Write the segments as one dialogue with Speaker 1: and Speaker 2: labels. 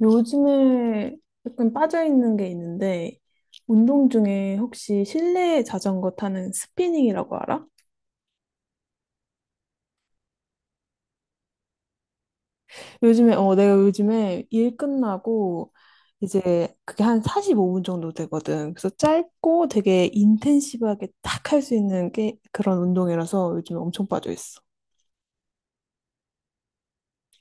Speaker 1: 요즘에 약간 빠져있는 게 있는데, 운동 중에 혹시 실내 자전거 타는 스피닝이라고 알아? 요즘에, 내가 요즘에 일 끝나고, 이제 그게 한 45분 정도 되거든. 그래서 짧고 되게 인텐시브하게 딱 할 수 있는 게 그런 운동이라서 요즘에 엄청 빠져있어.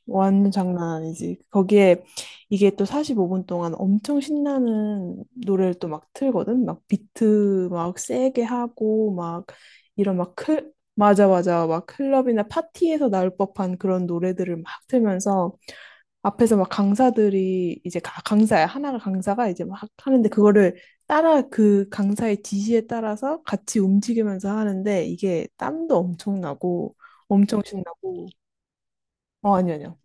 Speaker 1: 완전 장난 아니지. 거기에 이게 또 45분 동안 엄청 신나는 노래를 또 막 틀거든. 막 비트 막 세게 하고 막 이런 막 클, 맞아 맞아. 막 클럽이나 파티에서 나올 법한 그런 노래들을 막 틀면서 앞에서 막 강사들이 이제 강사야. 하나가 강사가 이제 막 하는데 그거를 따라 그 강사의 지시에 따라서 같이 움직이면서 하는데 이게 땀도 엄청 나고 엄청 신나고 어 아니 아니요.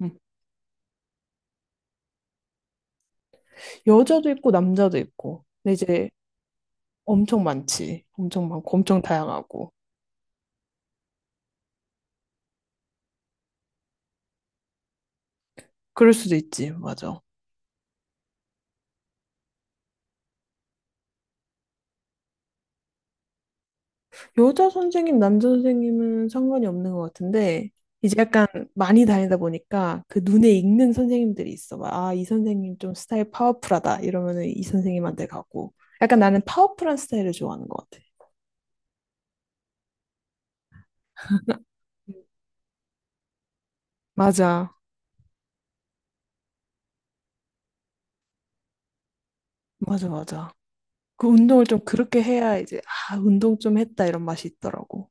Speaker 1: 여자도 있고 남자도 있고. 근데 이제 엄청 많지. 엄청 많고 엄청 다양하고. 그럴 수도 있지. 맞아. 여자 선생님, 남자 선생님은 상관이 없는 것 같은데 이제 약간 많이 다니다 보니까 그 눈에 익는 선생님들이 있어. 막, 아, 이 선생님 좀 스타일 파워풀하다. 이러면은 이 선생님한테 가고. 약간 나는 파워풀한 스타일을 좋아하는 것 같아. 맞아. 맞아, 맞아. 그 운동을 좀 그렇게 해야 이제, 아, 운동 좀 했다 이런 맛이 있더라고.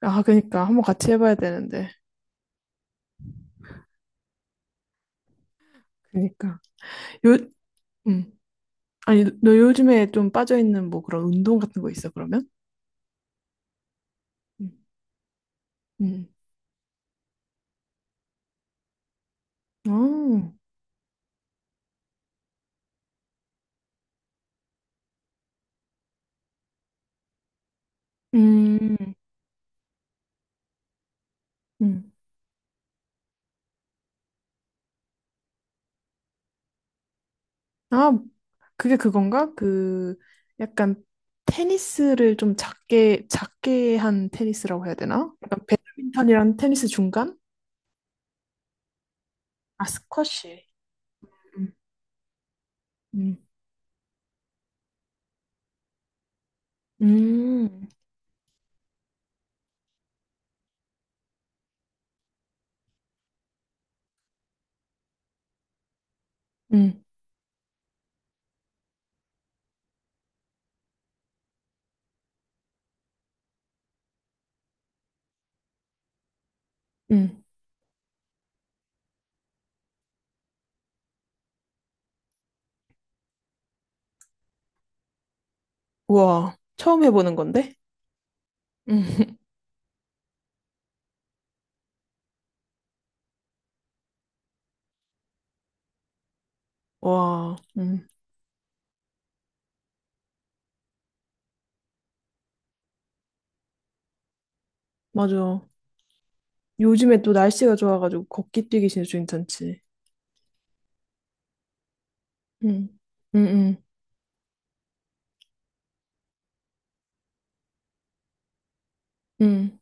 Speaker 1: 아, 그니까. 한번 같이 해봐야 되는데. 그니까. 요, 음. 아니, 너 요즘에 좀 빠져있는 뭐 그런 운동 같은 거 있어, 그러면? 음. 음. 어, 음, 음. 아, 그게 그건가? 그, 약간 테니스를 좀 작게, 작게 한 테니스라고 해야 되나? 약간 배드민턴이랑 테니스 중간? 아, 스쿼시. 음, 음, 음, 음. 음. 우와, 처음 해보는 건데? 음, 와, 맞아. 요즘에 또 날씨가 좋아가지고 걷기 뛰기 진짜 괜찮지. 응, 응, 응, 응.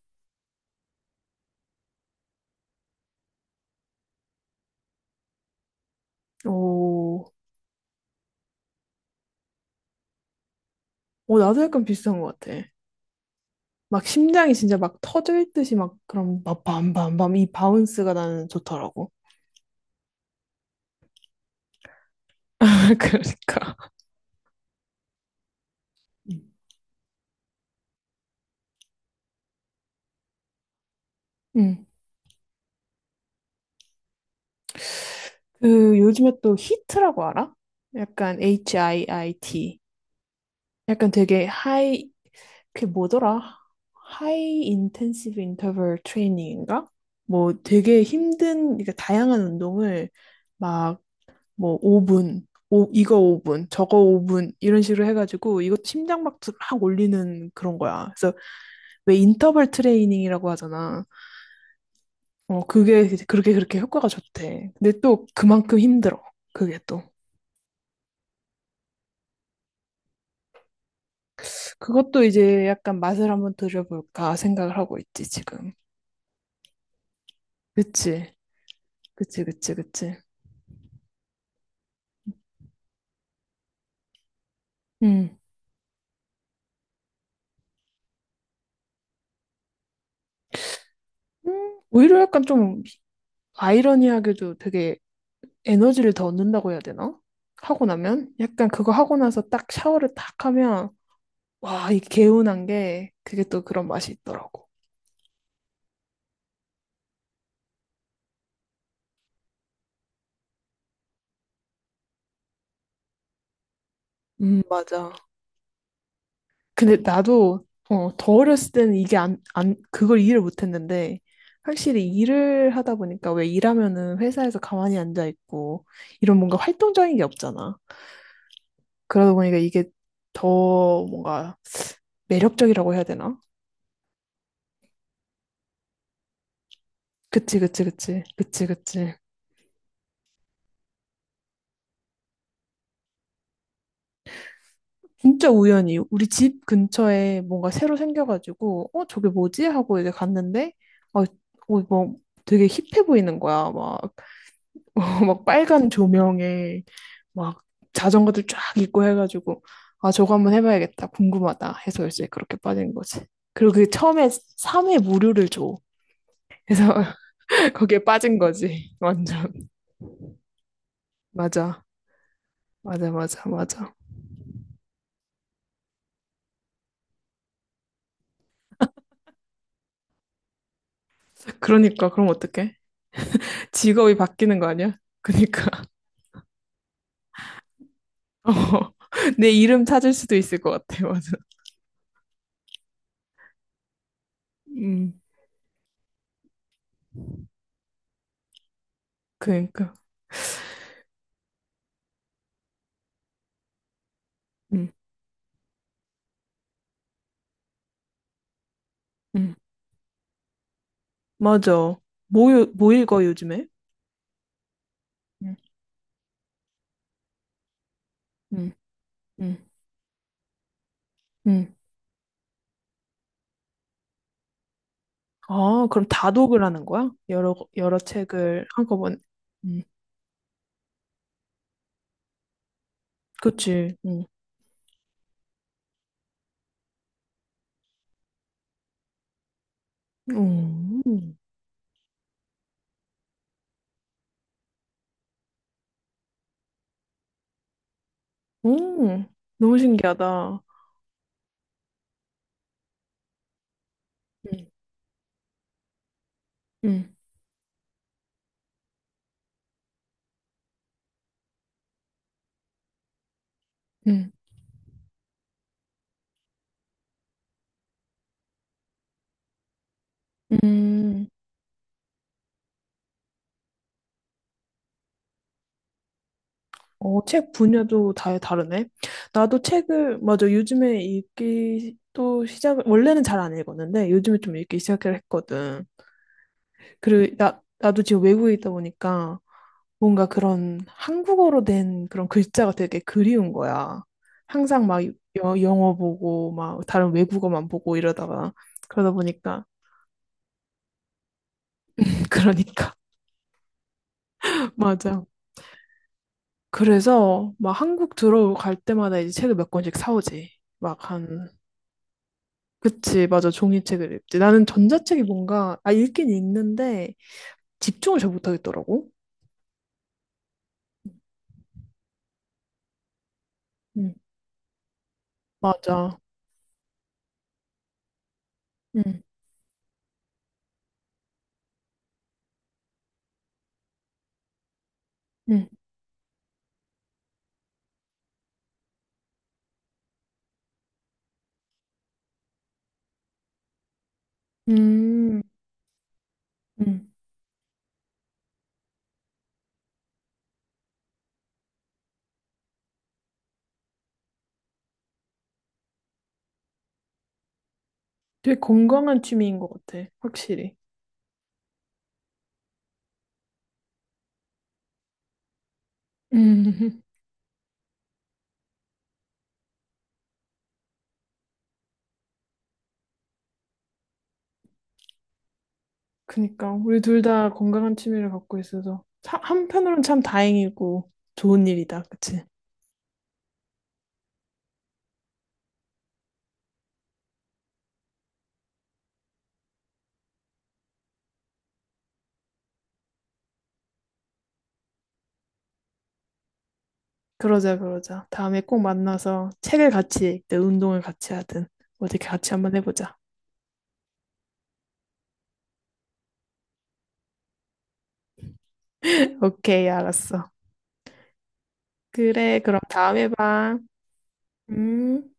Speaker 1: 오, 오, 나도 약간 비슷한 것 같아. 막 심장이 진짜 막 터질 듯이 막 그런 막 밤밤밤 이 바운스가 나는 좋더라고. 그러니까. 음. 응. 응. 그 요즘에 또 히트라고 알아? 약간 HIIT. 약간 되게 하이 그게 뭐더라? 하이 인텐시브 인터벌 트레이닝인가? 뭐 되게 힘든 그러니까 다양한 운동을 막 뭐 5분, 오, 이거 5분, 저거 5분 이런 식으로 해가지고 이것도 심장박수 막 올리는 그런 거야. 그래서 왜 인터벌 트레이닝이라고 하잖아. 그게 그렇게 효과가 좋대. 근데 또 그만큼 힘들어. 그게 또. 그것도 이제 약간 맛을 한번 들여볼까 생각을 하고 있지, 지금. 그치, 그치, 그치, 그치. 음. 오히려 약간 좀 아이러니하게도 되게 에너지를 더 얻는다고 해야 되나? 하고 나면? 약간 그거 하고 나서 딱 샤워를 딱 하면, 와, 이 개운한 게 그게 또 그런 맛이 있더라고. 맞아. 근데 나도 더 어렸을 때는 이게 안, 안, 그걸 이해를 못했는데 확실히 일을 하다 보니까 왜 일하면은 회사에서 가만히 앉아 있고 이런 뭔가 활동적인 게 없잖아. 그러다 보니까 이게 더 뭔가 매력적이라고 해야 되나? 그치, 그치, 그치. 그치, 그치. 진짜 우연히 우리 집 근처에 뭔가 새로 생겨가지고, 어, 저게 뭐지? 하고 이제 갔는데, 뭐 되게 힙해 보이는 거야. 막, 막 빨간 조명에 막 자전거들 쫙 있고 해가지고, 아, 저거 한번 해봐야겠다. 궁금하다. 해서 이제 그렇게 빠진 거지. 그리고 그게 처음에 3회 무료를 줘. 그래서 거기에 빠진 거지. 완전. 맞아. 맞아, 맞아, 맞아. 그러니까, 그럼 어떡해? 직업이 바뀌는 거 아니야? 그니까. 어, 내 이름 찾을 수도 있을 것 같아, 맞아. 음, 그니까. 음, 음. 맞아. 뭐, 뭐 읽어, 요즘에? 음, 음, 음, 음. 아, 그럼 다독을 하는 거야? 여러, 여러 책을 한꺼번에. 음, 그치. 음, 음. 너무 신기하다. 음, 음, 음, 음. 어, 책 분야도 다 다르네. 나도 책을, 맞아. 요즘에 읽기 또 시작을, 원래는 잘 안 읽었는데, 요즘에 좀 읽기 시작을 했거든. 그리고 나도 지금 외국에 있다 보니까, 뭔가 그런 한국어로 된 그런 글자가 되게 그리운 거야. 항상 막 영어 보고 막 다른 외국어만 보고 이러다가 그러다 보니까 그러니까 맞아. 그래서 막 한국 들어갈 때마다 이제 책을 몇 권씩 사오지. 막한 그치, 맞아. 종이책을 읽지. 나는 전자책이 뭔가, 아, 읽긴 읽는데 집중을 잘 못하겠더라고. 응 맞아. 응 응 음, 응 되게 건강한 취미인 것 같아. 확실히. 음, 그니까. 우리 둘 다 건강한 취미를 갖고 있어서. 참- 한편으로는 참 다행이고 좋은 일이다. 그치? 그러자, 그러자. 다음에 꼭 만나서 책을 같이 읽든 운동을 같이 하든 어떻게 같이 한번 해보자. 오케이, 알았어. 그래, 그럼 다음에 봐. 음.